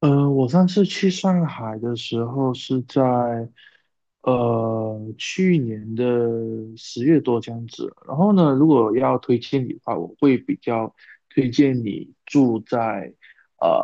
我上次去上海的时候是在去年的10月多这样子。然后呢，如果要推荐你的话，我会比较推荐你住在呃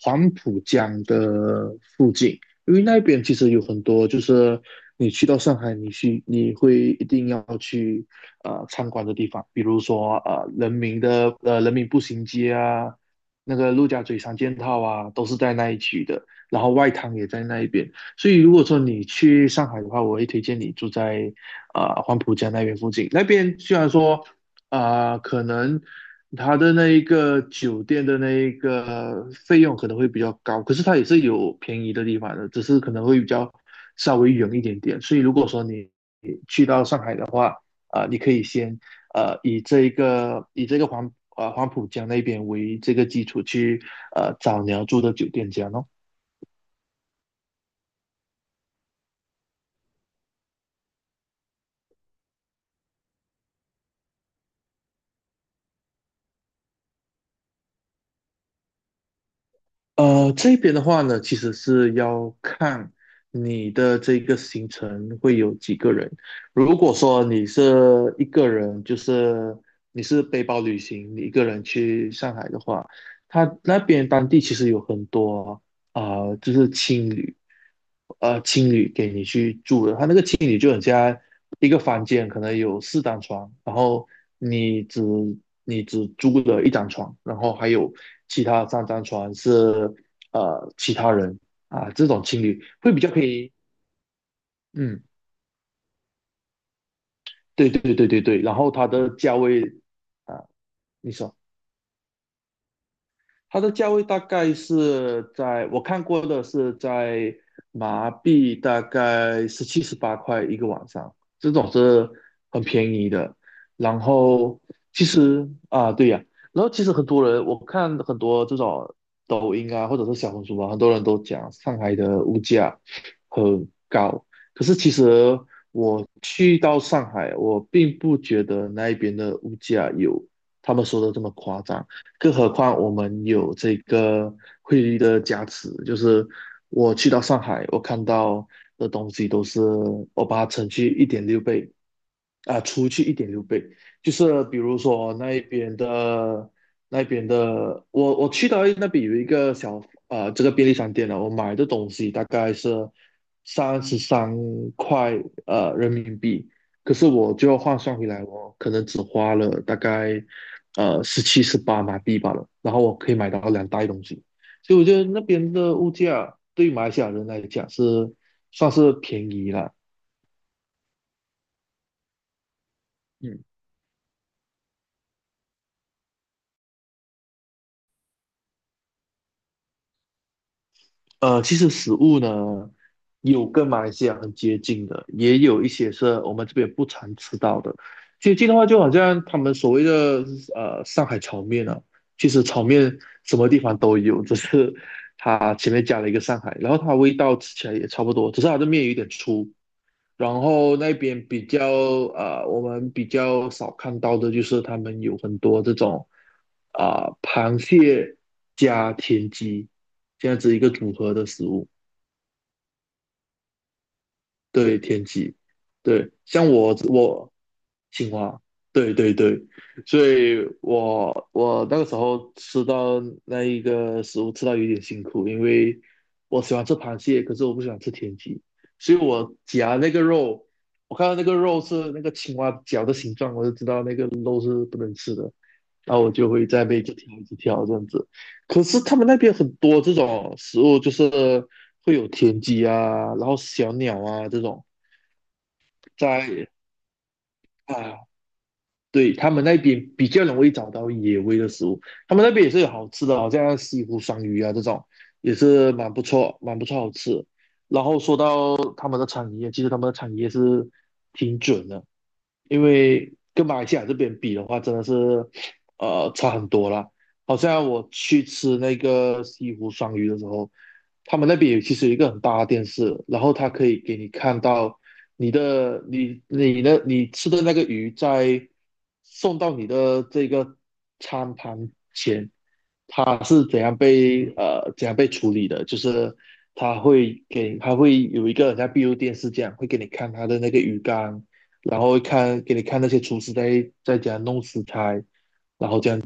黄浦江的附近，因为那边其实有很多，就是你去到上海，你会一定要去参观的地方，比如说人民步行街啊。那个陆家嘴三件套啊，都是在那一区的，然后外滩也在那一边，所以如果说你去上海的话，我会推荐你住在黄浦江那边附近。那边虽然说可能它的那一个酒店的那一个费用可能会比较高，可是它也是有便宜的地方的，只是可能会比较稍微远一点点。所以如果说你去到上海的话，你可以先以这个黄浦江那边为这个基础去找你要住的酒店这样咯。这边的话呢，其实是要看你的这个行程会有几个人。如果说你是一个人，就是你是背包旅行，你一个人去上海的话，他那边当地其实有很多就是青旅，青旅给你去住的，它那个青旅就很像一个房间，可能有四张床，然后你只你只租了一张床，然后还有其他三张床是其他人啊，这种青旅会比较便宜，嗯，对对对对对，然后它的价位啊，你说。它的价位大概是在我看过的是在马币大概17、18块一个晚上，这种是很便宜的。然后其实啊，对呀、然后其实很多人我看很多这种抖音啊，或者是小红书啊，很多人都讲上海的物价很高，可是其实我去到上海，我并不觉得那一边的物价有他们说的这么夸张。更何况我们有这个汇率的加持，就是我去到上海，我看到的东西都是我把它乘去一点六倍，除去一点六倍，就是比如说那边的，我去到那边有一个这个便利商店了，我买的东西大概是33块人民币，可是我就要换算回来，我可能只花了大概17、18马币罢了，然后我可以买到两袋东西，所以我觉得那边的物价对马来西亚人来讲是算是便宜了。嗯。其实食物呢，有跟马来西亚很接近的，也有一些是我们这边不常吃到的。接近的话，就好像他们所谓的上海炒面啊，其实炒面什么地方都有，只是它前面加了一个上海，然后它味道吃起来也差不多，只是它的面有点粗。然后那边比较我们比较少看到的就是他们有很多这种螃蟹加田鸡这样子一个组合的食物。对天鸡，对，像我青蛙，对对对，所以我那个时候吃到那一个食物吃到有点辛苦，因为我喜欢吃螃蟹，可是我不喜欢吃田鸡，所以我夹那个肉，我看到那个肉是那个青蛙脚的形状，我就知道那个肉是不能吃的，然后我就会在被边一直挑一直挑这样子。可是他们那边很多这种食物，就是会有田鸡啊，然后小鸟啊这种。在啊，对他们那边比较容易找到野味的食物，他们那边也是有好吃的，好像西湖双鱼啊这种，也是蛮不错，蛮不错，好吃。然后说到他们的产业，其实他们的产业是挺准的，因为跟马来西亚这边比的话，真的是差很多啦。好像我去吃那个西湖双鱼的时候，他们那边有其实有一个很大的电视，然后它可以给你看到你吃的那个鱼在送到你的这个餐盘前，它是怎样被处理的，就是它会有一个很像闭路电视这样，会给你看它的那个鱼缸，然后给你看那些厨师在怎样弄食材。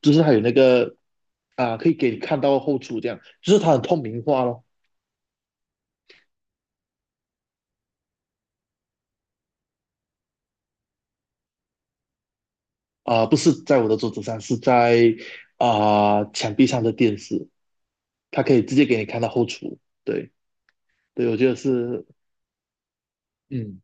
就是它有那个可以给你看到后厨这样，就是它很透明化咯。不是在我的桌子上，是在墙壁上的电视，它可以直接给你看到后厨。对对，我觉得是，嗯，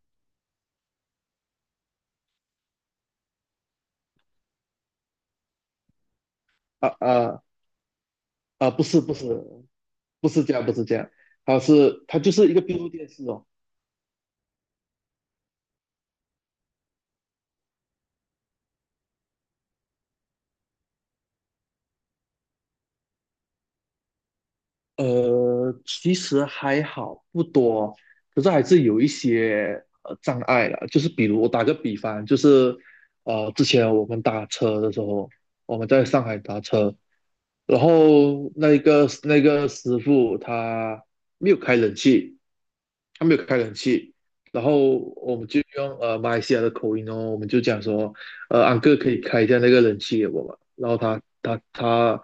啊啊不是不是不是这样，不是这样，它就是一个闭路电视哦。其实还好，不多，可是还是有一些障碍了。就是比如我打个比方，就是之前我们打车的时候，我们在上海打车，然后那个师傅他没有开冷气，他没有开冷气，然后我们就用马来西亚的口音哦，我们就讲说，安哥可以开一下那个冷气给我吗？然后他他他，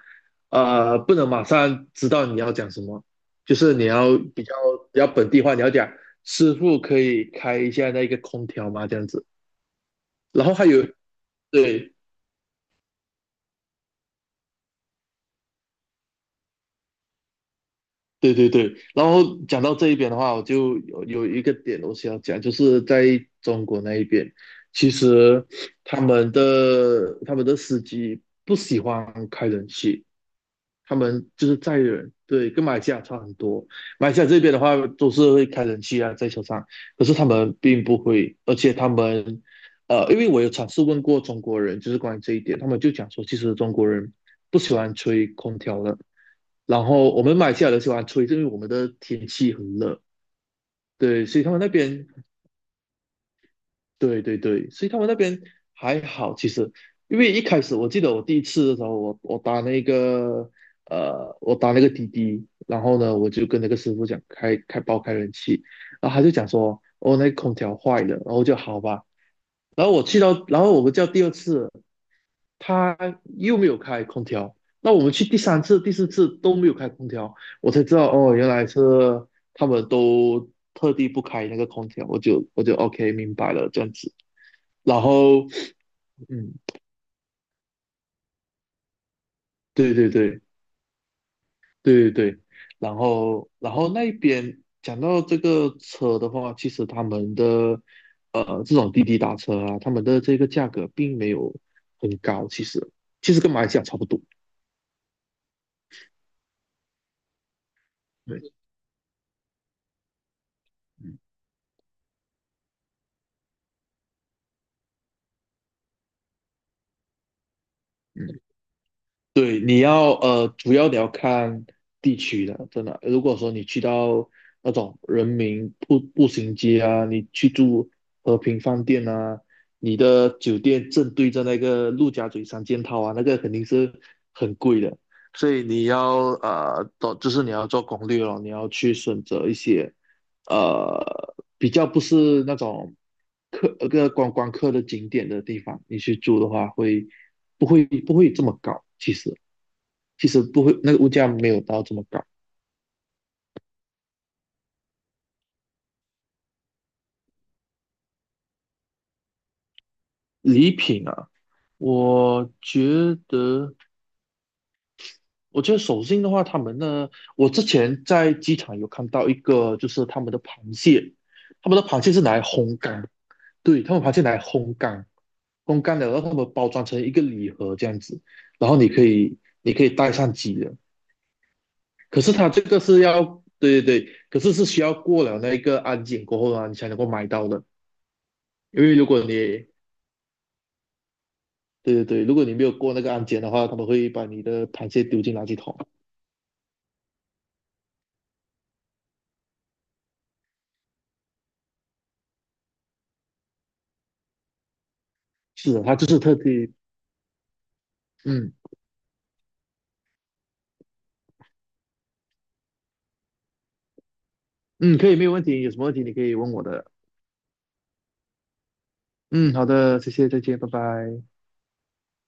呃，不能马上知道你要讲什么，就是你要比较本地化，你要讲师傅可以开一下那个空调吗？这样子，然后还有对，对对对，然后讲到这一边的话，我就有一个点我想要讲，就是在中国那一边，其实他们的司机不喜欢开冷气，他们就是载人，对，跟马来西亚差很多。马来西亚这边的话都是会开冷气啊，在车上，可是他们并不会，而且他们，因为我有尝试问过中国人，就是关于这一点，他们就讲说，其实中国人不喜欢吹空调的。然后我们马来西亚人喜欢吹，因为我们的天气很热，对，所以他们那边，对对对，所以他们那边还好。其实，因为一开始我记得我第一次的时候，我打那个滴滴，然后呢，我就跟那个师傅讲爆开冷气，然后他就讲说，哦，那个空调坏了，然后我就好吧。然后我去到，然后我们叫第二次，他又没有开空调。那我们去第三次、第四次都没有开空调，我才知道哦，原来是他们都特地不开那个空调。我就OK 明白了这样子。然后，嗯，对对对对对对，然后那一边讲到这个车的话，其实他们的这种滴滴打车啊，他们的这个价格并没有很高，其实跟马来西亚差不多。对，嗯嗯。对，主要你要看地区的，真的。如果说你去到那种人民步行街啊，你去住和平饭店啊，你的酒店正对着那个陆家嘴三件套啊，那个肯定是很贵的。所以你要呃，做就是你要做攻略咯，你要去选择一些比较不是那种观光客的景点的地方，你去住的话会不会不会这么高？其实。其实不会，那个物价没有到这么高。礼品啊，我觉得，我觉得手信的话，他们呢，我之前在机场有看到一个，就是他们的螃蟹，他们的螃蟹是拿来烘干，对，他们螃蟹拿来烘干，烘干了，然后他们包装成一个礼盒这样子，然后你可以带上机的。可是它这个是要，对对对，可是是需要过了那一个安检过后啊，你才能够买到的。因为如果你对对对，如果你没有过那个安检的话，他们会把你的螃蟹丢进垃圾桶。是的，他就是特地，嗯嗯，可以，没有问题。有什么问题你可以问我的。嗯，好的，谢谢，再见，拜拜。